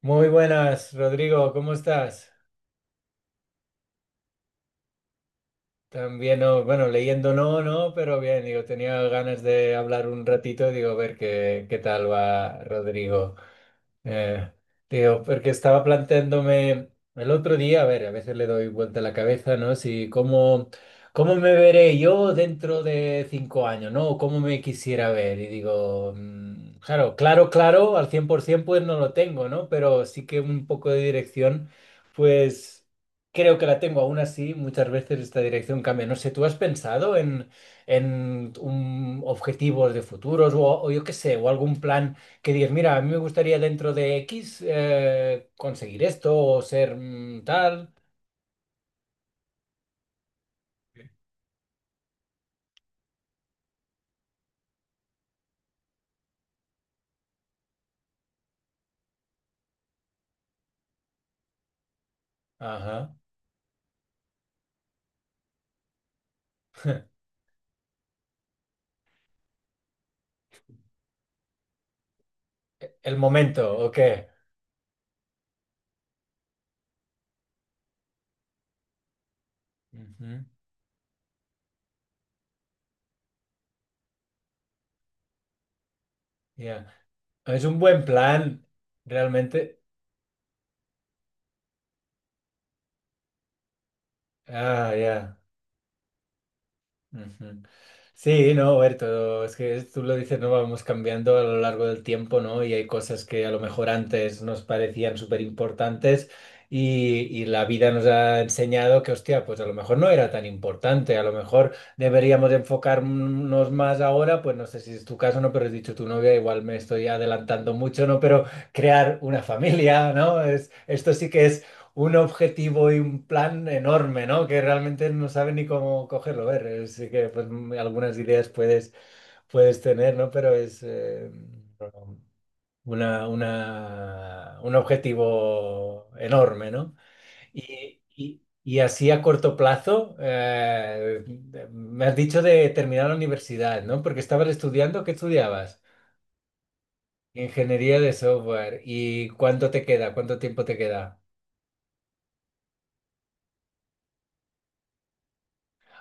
Muy buenas, Rodrigo, ¿cómo estás? También, no, bueno, leyendo no, no, pero bien, digo, tenía ganas de hablar un ratito, digo, a ver qué tal va Rodrigo. Eh, Digo, porque estaba planteándome el otro día, a ver, a veces le doy vuelta a la cabeza, ¿no? Si cómo, ¿Cómo me veré yo dentro de 5 años? ¿No? O cómo me quisiera ver. Y digo, claro, claro, claro, al 100% pues no lo tengo, ¿no? Pero sí que un poco de dirección, pues... Creo que la tengo. Aún así, muchas veces esta dirección cambia. No sé, ¿tú has pensado en un objetivos de futuros o yo qué sé, o algún plan que digas, mira, a mí me gustaría dentro de X conseguir esto o ser tal? Ajá. El momento, ¿o qué? Ujú. Ya. Es un buen plan, realmente. Ah, ya. Ujú. Sí, no, Berto, es que tú lo dices, no vamos cambiando a lo largo del tiempo, ¿no? Y hay cosas que a lo mejor antes nos parecían súper importantes y la vida nos ha enseñado que, hostia, pues a lo mejor no era tan importante, a lo mejor deberíamos enfocarnos más ahora, pues no sé si es tu caso, ¿no? Pero has dicho tu novia, igual me estoy adelantando mucho, ¿no? Pero crear una familia, ¿no? Es, esto sí que un objetivo y un plan enorme, ¿no? Que realmente no sabe ni cómo cogerlo. A ver, sí que pues, algunas ideas puedes, puedes tener, ¿no? Pero es una, un objetivo enorme, ¿no? Y así a corto plazo, me has dicho de terminar la universidad, ¿no? Porque estabas estudiando, ¿qué estudiabas? Ingeniería de software. ¿Y cuánto te queda? ¿Cuánto tiempo te queda?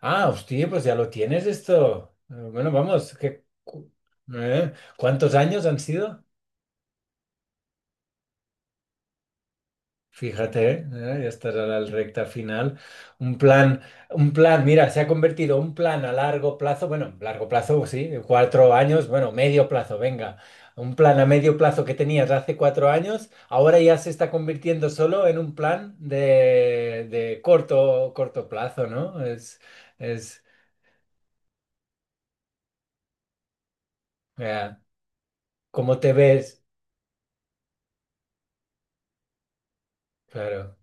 Ah, hostia, pues ya lo tienes esto. Bueno, vamos, ¿qué, eh? ¿Cuántos años han sido? Fíjate, ya estás a la recta final. Un plan, un plan, mira, se ha convertido un plan a largo plazo, bueno, largo plazo, sí, cuatro años, bueno, medio plazo, venga. Un plan a medio plazo que tenías hace cuatro años, ahora ya se está convirtiendo solo en un plan de corto, corto plazo, ¿no? Es, eh, ¿cómo te ves? Claro.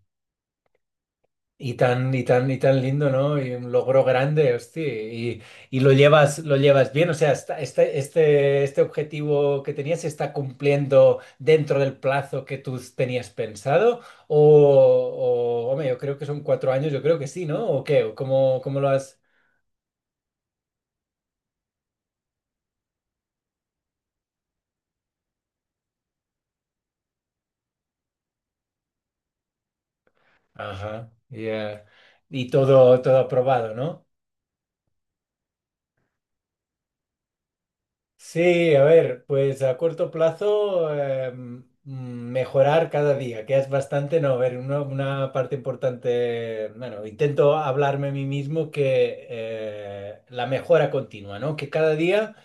Y tan, y tan, y tan lindo, ¿no? Y un logro grande, hostia. Y lo llevas bien. O sea, este, este, este objetivo que tenías se está cumpliendo dentro del plazo que tú tenías pensado. O hombre, yo creo que son cuatro años, yo creo que sí, ¿no? ¿O qué? ¿O ¿Cómo, cómo lo has? Ajá, ya. Y todo, todo aprobado, ¿no? Sí, a ver, pues a corto plazo mejorar cada día, que es bastante, no, a ver, una parte importante, bueno, intento hablarme a mí mismo que la mejora continua, ¿no? Que cada día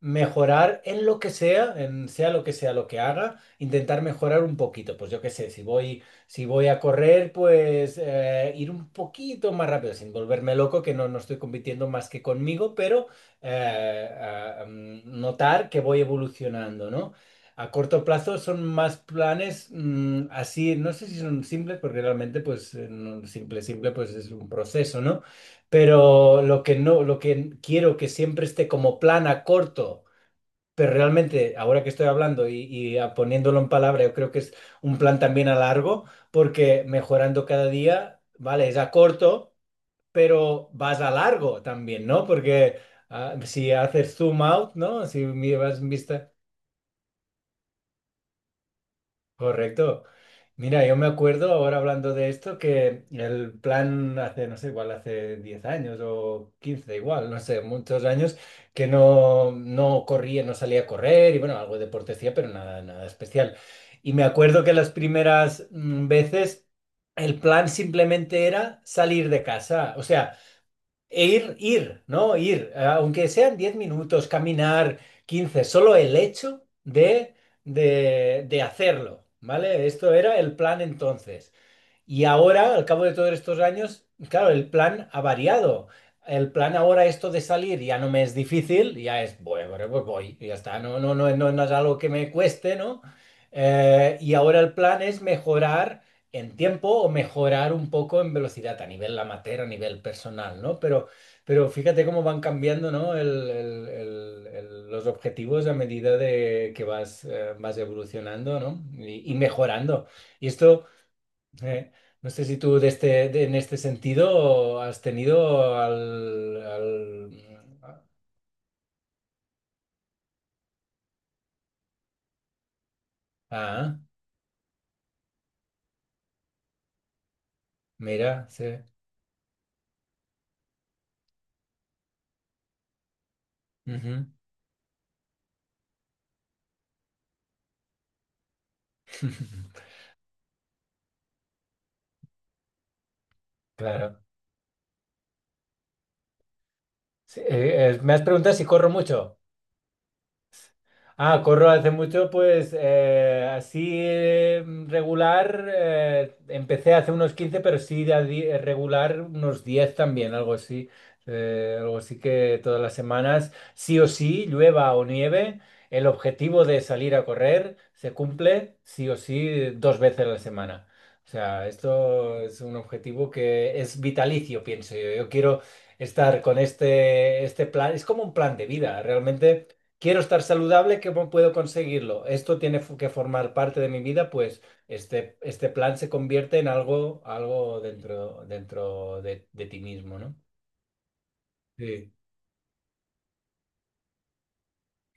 mejorar en lo que sea, en sea lo que haga, intentar mejorar un poquito. Pues yo qué sé, si voy a correr, pues ir un poquito más rápido, sin volverme loco, que no, no estoy compitiendo más que conmigo, pero notar que voy evolucionando, ¿no? A corto plazo son más planes así, no sé si son simples, porque realmente pues simple, simple pues es un proceso, ¿no? Pero lo que no, lo que quiero que siempre esté como plan a corto. Pero realmente, ahora que estoy hablando poniéndolo en palabra, yo creo que es un plan también a largo, porque mejorando cada día, vale, es a corto, pero vas a largo también, ¿no? Porque si haces zoom out, ¿no? Si mi- vas en vista, correcto. Mira, yo me acuerdo ahora hablando de esto que el plan hace, no sé, igual hace 10 años o 15 igual, no sé, muchos años que no, no corría, no salía a correr y bueno, algo de deporte hacía, pero nada, nada especial. Y me acuerdo que las primeras veces el plan simplemente era salir de casa. O sea, e ir, ir, ¿no? Ir, aunque sean 10 minutos, caminar quince, solo el hecho de hacerlo, ¿vale? Esto era el plan entonces. Y ahora, al cabo de todos estos años, claro, el plan ha variado. El plan ahora, esto de salir, ya no me es difícil, ya es, bueno, bueno, pues voy, y ya está, no, no, no, no, no es algo que me cueste, ¿no? Y ahora el plan es mejorar en tiempo o mejorar un poco en velocidad a nivel amateur, a nivel personal, ¿no? Pero fíjate cómo van cambiando, ¿no? Los objetivos a medida de que vas, vas evolucionando, ¿no? Y y mejorando. Y esto... Eh, no sé si tú de este, en este sentido has tenido al... al- Ah, mira, sí. Ujú. Claro. Sí, me has preguntado si corro mucho. Ah, corro hace mucho, pues así regular, empecé hace unos 15, pero sí regular unos 10 también, algo así. Algo así que todas las semanas, sí o sí, llueva o nieve, el objetivo de salir a correr se cumple sí o sí 2 veces a la semana. O sea, esto es un objetivo que es vitalicio, pienso yo. Yo quiero estar con este, este plan, es como un plan de vida, realmente. Quiero estar saludable, ¿cómo puedo conseguirlo? Esto tiene que formar parte de mi vida, pues este plan se convierte en algo, algo dentro, dentro de ti mismo, ¿no? Sí.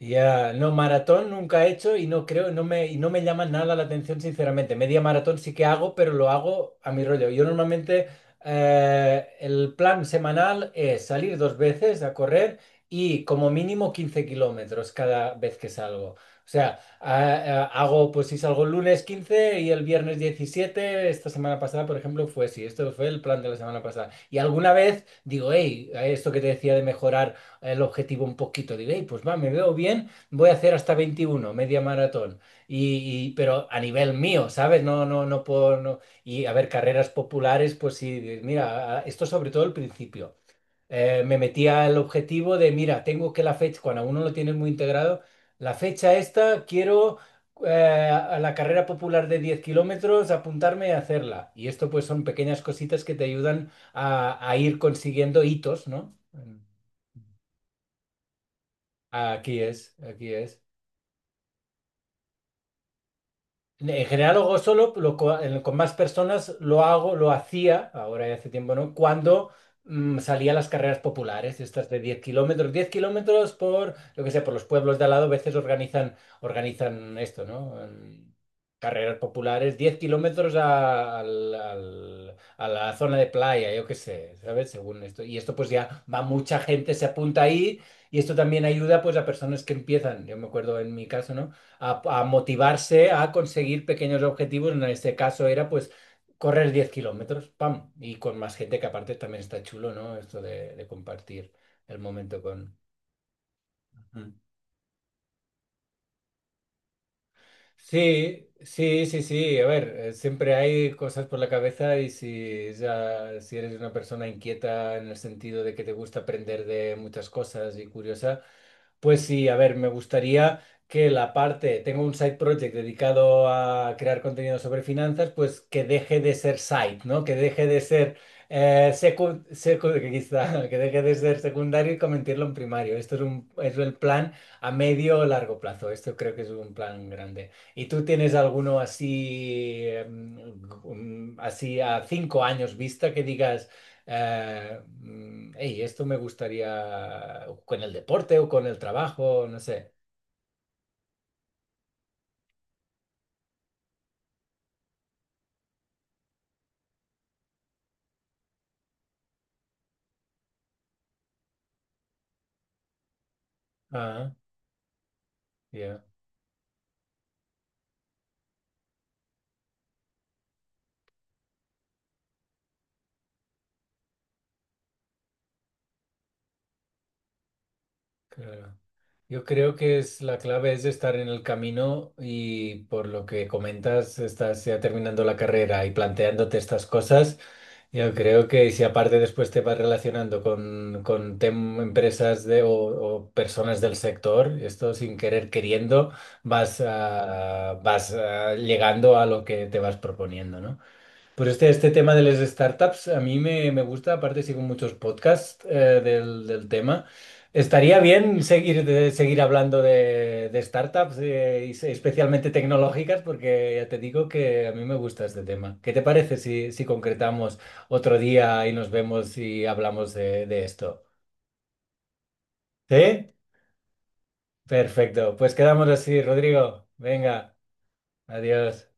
Ya, no, maratón nunca he hecho y no creo, no me, y no me llama nada la atención, sinceramente. Media maratón sí que hago, pero lo hago a mi rollo. Yo normalmente el plan semanal es salir 2 veces a correr y como mínimo 15 kilómetros cada vez que salgo. O sea, hago, pues si salgo el lunes 15 y el viernes 17 esta semana pasada, por ejemplo, fue así. Esto fue el plan de la semana pasada. Y alguna vez digo, hey, esto que te decía de mejorar el objetivo un poquito. Digo, "Ey, pues va, me veo bien, voy a hacer hasta veintiuno, media maratón. Pero a nivel mío, ¿sabes? No, no, no puedo. Y a ver, carreras populares, pues sí, mira, esto sobre todo al principio. Me metía el objetivo de, mira, tengo que la fecha, cuando a uno lo tienes muy integrado, la fecha esta, quiero eh, a la carrera popular de 10 kilómetros, apuntarme a hacerla. Y esto pues son pequeñas cositas que te ayudan a ir consiguiendo hitos, ¿no? Aquí es, aquí es. En general lo hago solo, con más personas lo hago, lo hacía, ahora ya hace tiempo no, cuando salía a las carreras populares, estas de 10 kilómetros, 10 kilómetros por, lo que sé, por los pueblos de al lado, a veces organizan, organizan esto, ¿no? En carreras populares, 10 kilómetros a la zona de playa, yo qué sé, ¿sabes? Según esto. Y esto pues ya va mucha gente, se apunta ahí y esto también ayuda pues a personas que empiezan, yo me acuerdo en mi caso, ¿no? A motivarse a conseguir pequeños objetivos. En este caso era pues correr 10 kilómetros, pam, y con más gente que aparte también está chulo, ¿no? Esto de compartir el momento con... Ujú. Sí, sí, sí, sí. A ver, siempre hay cosas por la cabeza y si, ya, si eres una persona inquieta en el sentido de que te gusta aprender de muchas cosas y curiosa, pues sí, a ver, me gustaría que la parte, tengo un side project dedicado a crear contenido sobre finanzas, pues que deje de ser side, ¿no? Que deje de ser que deje de ser secundario y convertirlo en primario. Esto es un, es el plan a medio o largo plazo. Esto creo que es un plan grande. ¿Y tú tienes alguno así, em, así a 5 años vista que digas? "Ey, esto me gustaría con el deporte o con el trabajo, no sé. Ah, ya, claro. Yo creo que es la clave es estar en el camino y por lo que comentas, estás ya terminando la carrera y planteándote estas cosas. Yo creo que si aparte después te vas relacionando con, empresas de, o personas del sector, esto sin querer queriendo, vas, vas llegando a lo que te vas proponiendo, no. Pues este tema de las startups a mí me, me gusta, aparte sigo muchos podcasts del, del tema. Estaría bien seguir, seguir hablando de startups, especialmente tecnológicas, porque ya te digo que a mí me gusta este tema. ¿Qué te parece si concretamos otro día y nos vemos y hablamos de esto? ¿Sí? Perfecto. Pues quedamos así, Rodrigo. Venga, adiós.